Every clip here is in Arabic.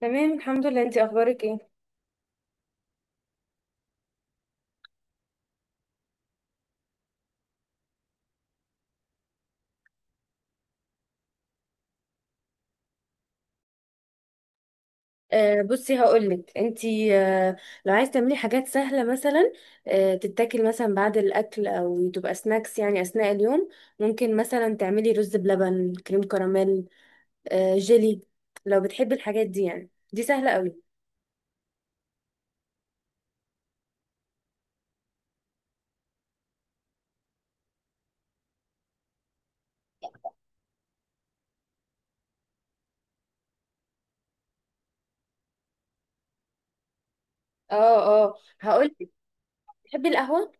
تمام، الحمد لله. انتي اخبارك ايه؟ بصي هقولك انتي. لو عايز تعملي حاجات سهله مثلا، تتاكل مثلا بعد الاكل او تبقى سناكس يعني اثناء اليوم. ممكن مثلا تعملي رز بلبن، كريم كراميل، جيلي. لو بتحبي الحاجات دي، يعني دي سهله قوي. اه، اه. هقولك، بتحبي القهوه؟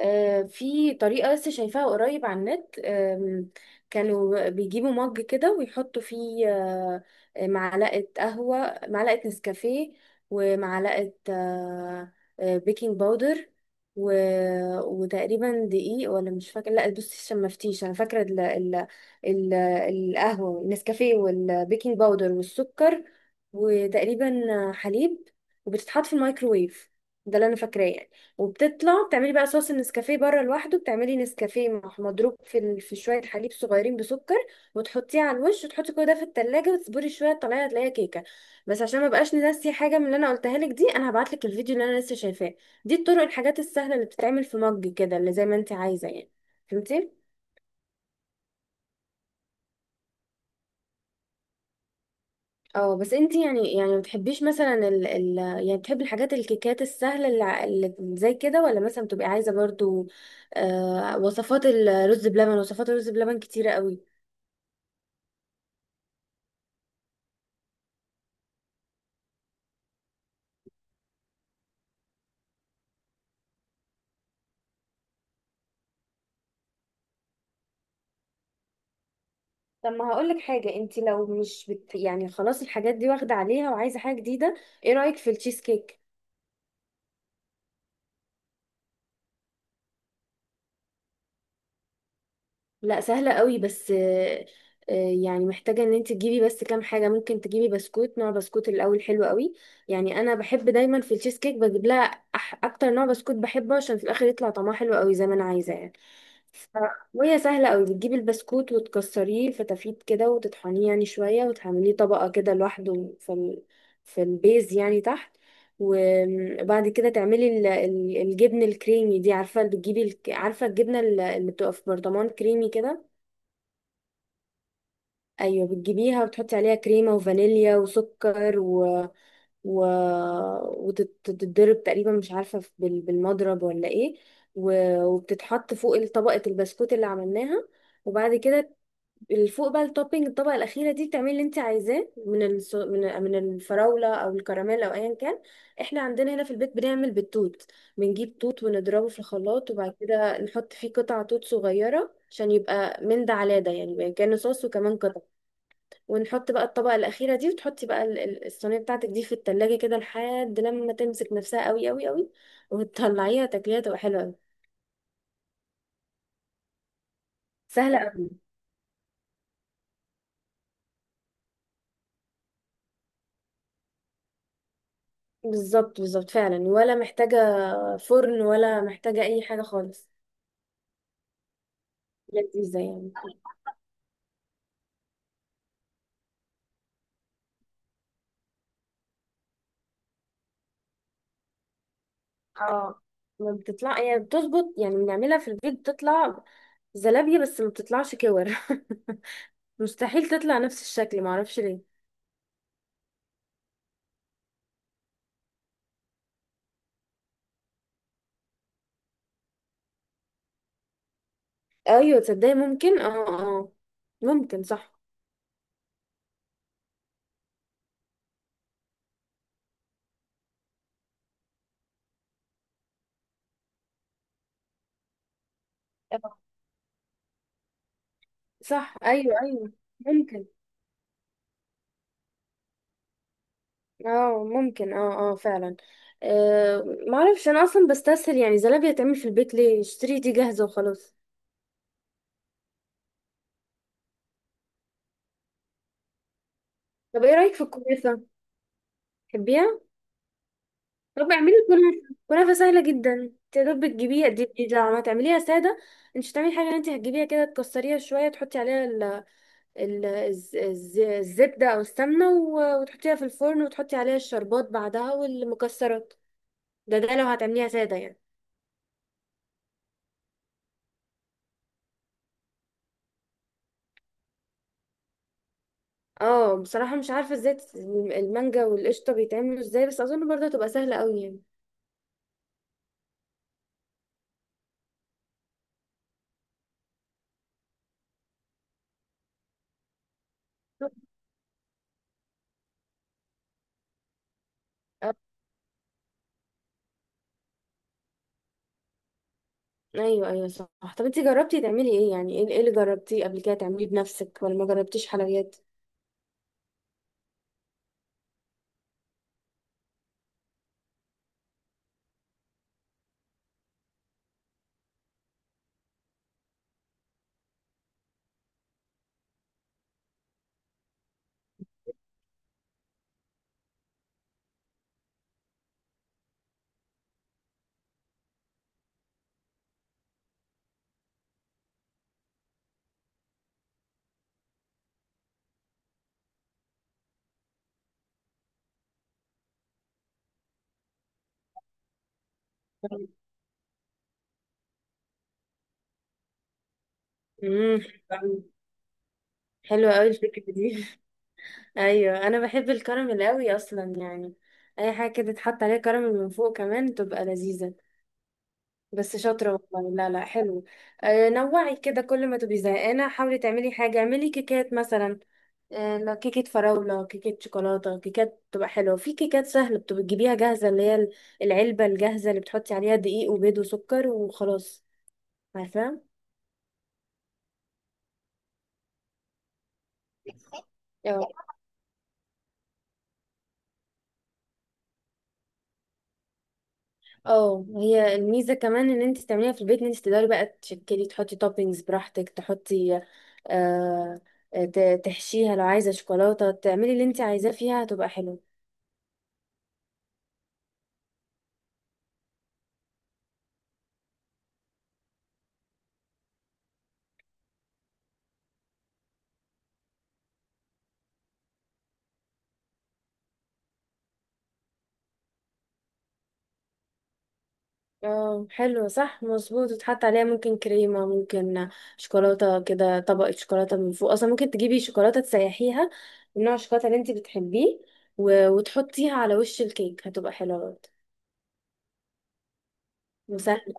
في طريقة لسه شايفاها قريب على النت. كانوا بيجيبوا مج كده ويحطوا فيه معلقة قهوة، معلقة نسكافيه، ومعلقة بيكنج باودر و... وتقريبا دقيق، ولا مش فاكرة. لا بصي، عشان ما افتيش انا فاكرة القهوة، النسكافيه، والبيكنج باودر، والسكر، وتقريبا حليب، وبتتحط في الميكروويف. ده اللي انا فاكراه يعني. وبتطلع، بتعملي بقى صوص النسكافيه بره لوحده، بتعملي نسكافيه مضروب في في شويه حليب صغيرين بسكر، وتحطيه على الوش، وتحطي كل ده في التلاجة، وتصبري شويه، تطلعي هتلاقيها كيكه. بس عشان ما بقاش ناسي حاجه من اللي انا قلتها لك دي، انا هبعت لك الفيديو اللي انا لسه شايفاه. دي الطرق، الحاجات السهله اللي بتتعمل في مج كده، اللي زي ما انت عايزه يعني. فهمتي؟ اه. بس انت يعني ما بتحبيش مثلا ال يعني، بتحبي الحاجات، الكيكات السهله اللي، اللي زي كده، ولا مثلا بتبقي عايزه برضو؟ وصفات الرز بلبن، وصفات الرز بلبن كتيره قوي. طب، ما هقولك حاجه، انت لو مش يعني خلاص الحاجات دي واخده عليها وعايزه حاجه جديده، ايه رايك في التشيز كيك؟ لا، سهلة قوي بس. آه، يعني محتاجة ان انت تجيبي بس كام حاجة. ممكن تجيبي بسكوت، نوع بسكوت الاول حلو قوي. يعني انا بحب دايما في التشيز كيك بجيب لها اكتر نوع بسكوت بحبه، عشان في الاخر يطلع طعمها حلو قوي زي ما انا عايزة يعني. ف- وهي سهلة قوي. بتجيبي البسكوت، وتكسريه فتافيت كده، وتطحنيه يعني شوية، وتعمليه طبقة كده لوحده في البيز يعني تحت. وبعد كده تعملي الجبن الكريمي دي. عارفة بتجيبي عارفة الجبنة اللي بتبقى في برطمان كريمي كده؟ ايوه، بتجيبيها وتحطي عليها كريمه وفانيليا وسكر و... و... وتتضرب تقريبا، مش عارفه في- بال... بالمضرب ولا ايه، و... وبتتحط فوق طبقه البسكوت اللي عملناها. وبعد كده فوق بقى التوبينج، الطبقه الاخيره دي، بتعملي اللي انت عايزاه من الس... من من الفراوله او الكراميل او ايا كان. احنا عندنا هنا في البيت بنعمل بالتوت. بنجيب توت ونضربه في الخلاط، وبعد كده نحط فيه قطع توت صغيره عشان يبقى من ده على ده، يعني كأنه صوص وكمان قطع. ونحط بقى الطبقة الأخيرة دي، وتحطي بقى الصينية بتاعتك دي في التلاجة كده لحد لما تمسك نفسها قوي قوي قوي، وتطلعيها تاكليها تبقى حلوة قوي. سهلة قوي. بالظبط، بالظبط، فعلا. ولا محتاجة فرن، ولا محتاجة أي حاجة خالص. لذيذة يعني. اه. ما بتطلع يعني، بتظبط يعني، بنعملها في البيت بتطلع زلابية، بس ما بتطلعش كور. مستحيل تطلع نفس الشكل، معرفش ليه. ايوه، تصدقي ممكن، اه، اه، ممكن صح. آه. صح، ايوه، ايوه، ممكن. اه ممكن، اه، اه، فعلا. معرفش. انا اصلا بستسهل يعني، زلابية تعمل في البيت ليه؟ اشتري دي جاهزة وخلاص. طب ايه رأيك في الكنافة؟ تحبيها؟ طب اعملي كنافة. كنافة سهلة جدا، تقدر تجيبيها. دي لو ما تعمليها سادة، انت مش هتعملي حاجة. انت هتجيبيها كده، تكسريها شوية، تحطي عليها الزبدة او السمنة، و... وتحطيها في الفرن، وتحطي عليها الشربات بعدها والمكسرات. ده لو هتعمليها سادة يعني. اه بصراحة، مش عارفة ازاي المانجا والقشطة بيتعملوا ازاي، بس اظن برضه هتبقى سهلة قوي يعني. آه، ايوه، ايوه، صح. طب انتي جربتي تعملي ايه يعني؟ ايه اللي جربتيه قبل كده تعمليه بنفسك، ولا ما جربتيش حلويات؟ امم. حلوة قوي الفكرة دي. ايوه، انا بحب الكراميل قوي اصلا يعني. اي حاجة كده تتحط عليها كراميل من فوق كمان، تبقى لذيذة. بس شاطرة والله. لا لا، حلو. نوعي كده. كل ما تبقي زهقانة حاولي تعملي حاجة، اعملي كيكات مثلا. كيكة فراولة، كيكة شوكولاتة، كيكات بتبقى حلوة. في كيكات سهلة بتبقى تجيبيها جاهزة، اللي هي العلبة الجاهزة، اللي بتحطي عليها دقيق وبيض وسكر وخلاص. عارفة؟ اه، اه. هي الميزة كمان ان انت تعمليها في البيت، ان انت تقدري بقى تشكلي، تحطي توبينجز براحتك، تحطي آه تحشيها لو عايزة شوكولاتة، تعملي اللي انت عايزاه فيها، هتبقى حلوة. اه، حلو، صح، مظبوط. وتحط عليها ممكن كريمة، ممكن شوكولاتة كده، طبقة شوكولاتة من فوق. اصلا ممكن تجيبي شوكولاتة، تسيحيها من نوع الشوكولاتة اللي انت بتحبيه، و... وتحطيها على وش الكيك، هتبقى حلوة برضه. وسهل.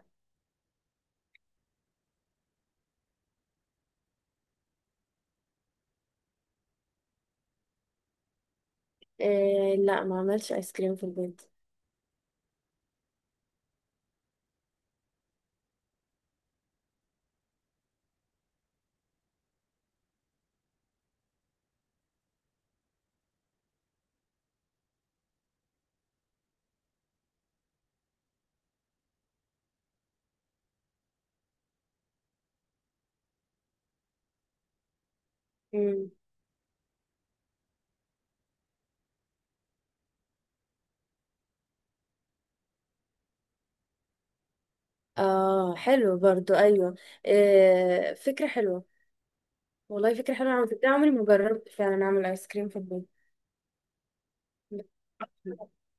لا، ما عملش ايس كريم في البيت. مم. اه، حلو برضو، ايوه. فكرة حلوة. والله فكرة حلوة، انا كنت عمري ما جربت فعلا اعمل ايس كريم في البيت.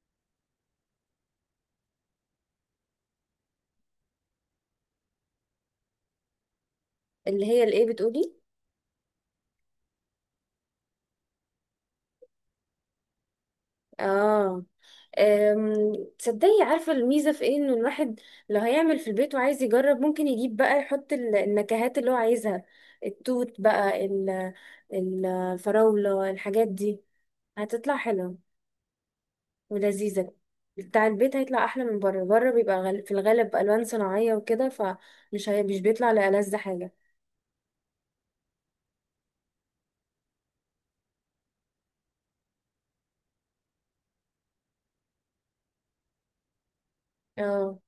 اللي هي الايه بتقولي؟ اه. أم، تصدقي، عارفة الميزة في ايه؟ انه الواحد لو هيعمل في البيت وعايز يجرب، ممكن يجيب بقى، يحط النكهات اللي هو عايزها، التوت بقى، الفراولة، الحاجات دي هتطلع حلوة ولذيذة. بتاع البيت هيطلع احلى من بره. بره بيبقى في الغالب الوان صناعية وكده، فمش هي مش بيطلع لألذ حاجة. اه،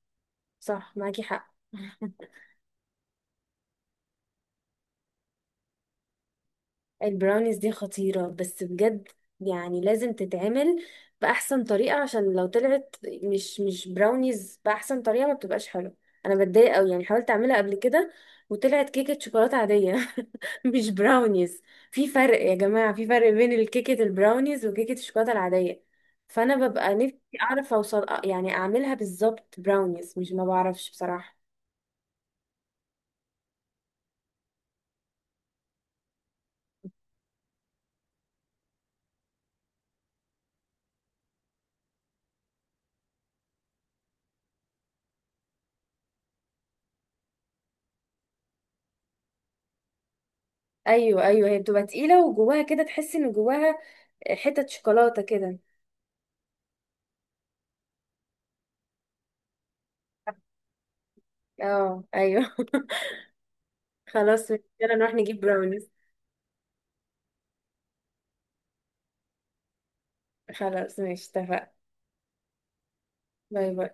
صح، معاكي حق. البراونيز دي خطيرة بس، بجد. يعني لازم تتعمل بأحسن طريقة، عشان لو طلعت مش، براونيز بأحسن طريقة، ما بتبقاش حلوة. أنا بتضايق أوي يعني. حاولت أعملها قبل كده وطلعت كيكة شوكولاتة عادية. مش براونيز. في فرق يا جماعة، في فرق بين الكيكة البراونيز وكيكة الشوكولاتة العادية. فأنا ببقى نفسي أعرف أوصل يعني، أعملها بالظبط براونيز، مش، ما بعرفش بصراحة. أيوة، أيوة. هي بتبقى تقيلة، وجواها كده تحس إن جواها حتت شوكولاتة كده. اه، ايوه. خلاص، ماشي، يلا نروح نجيب براونيز. خلاص، ماشي، اتفقنا. باي باي.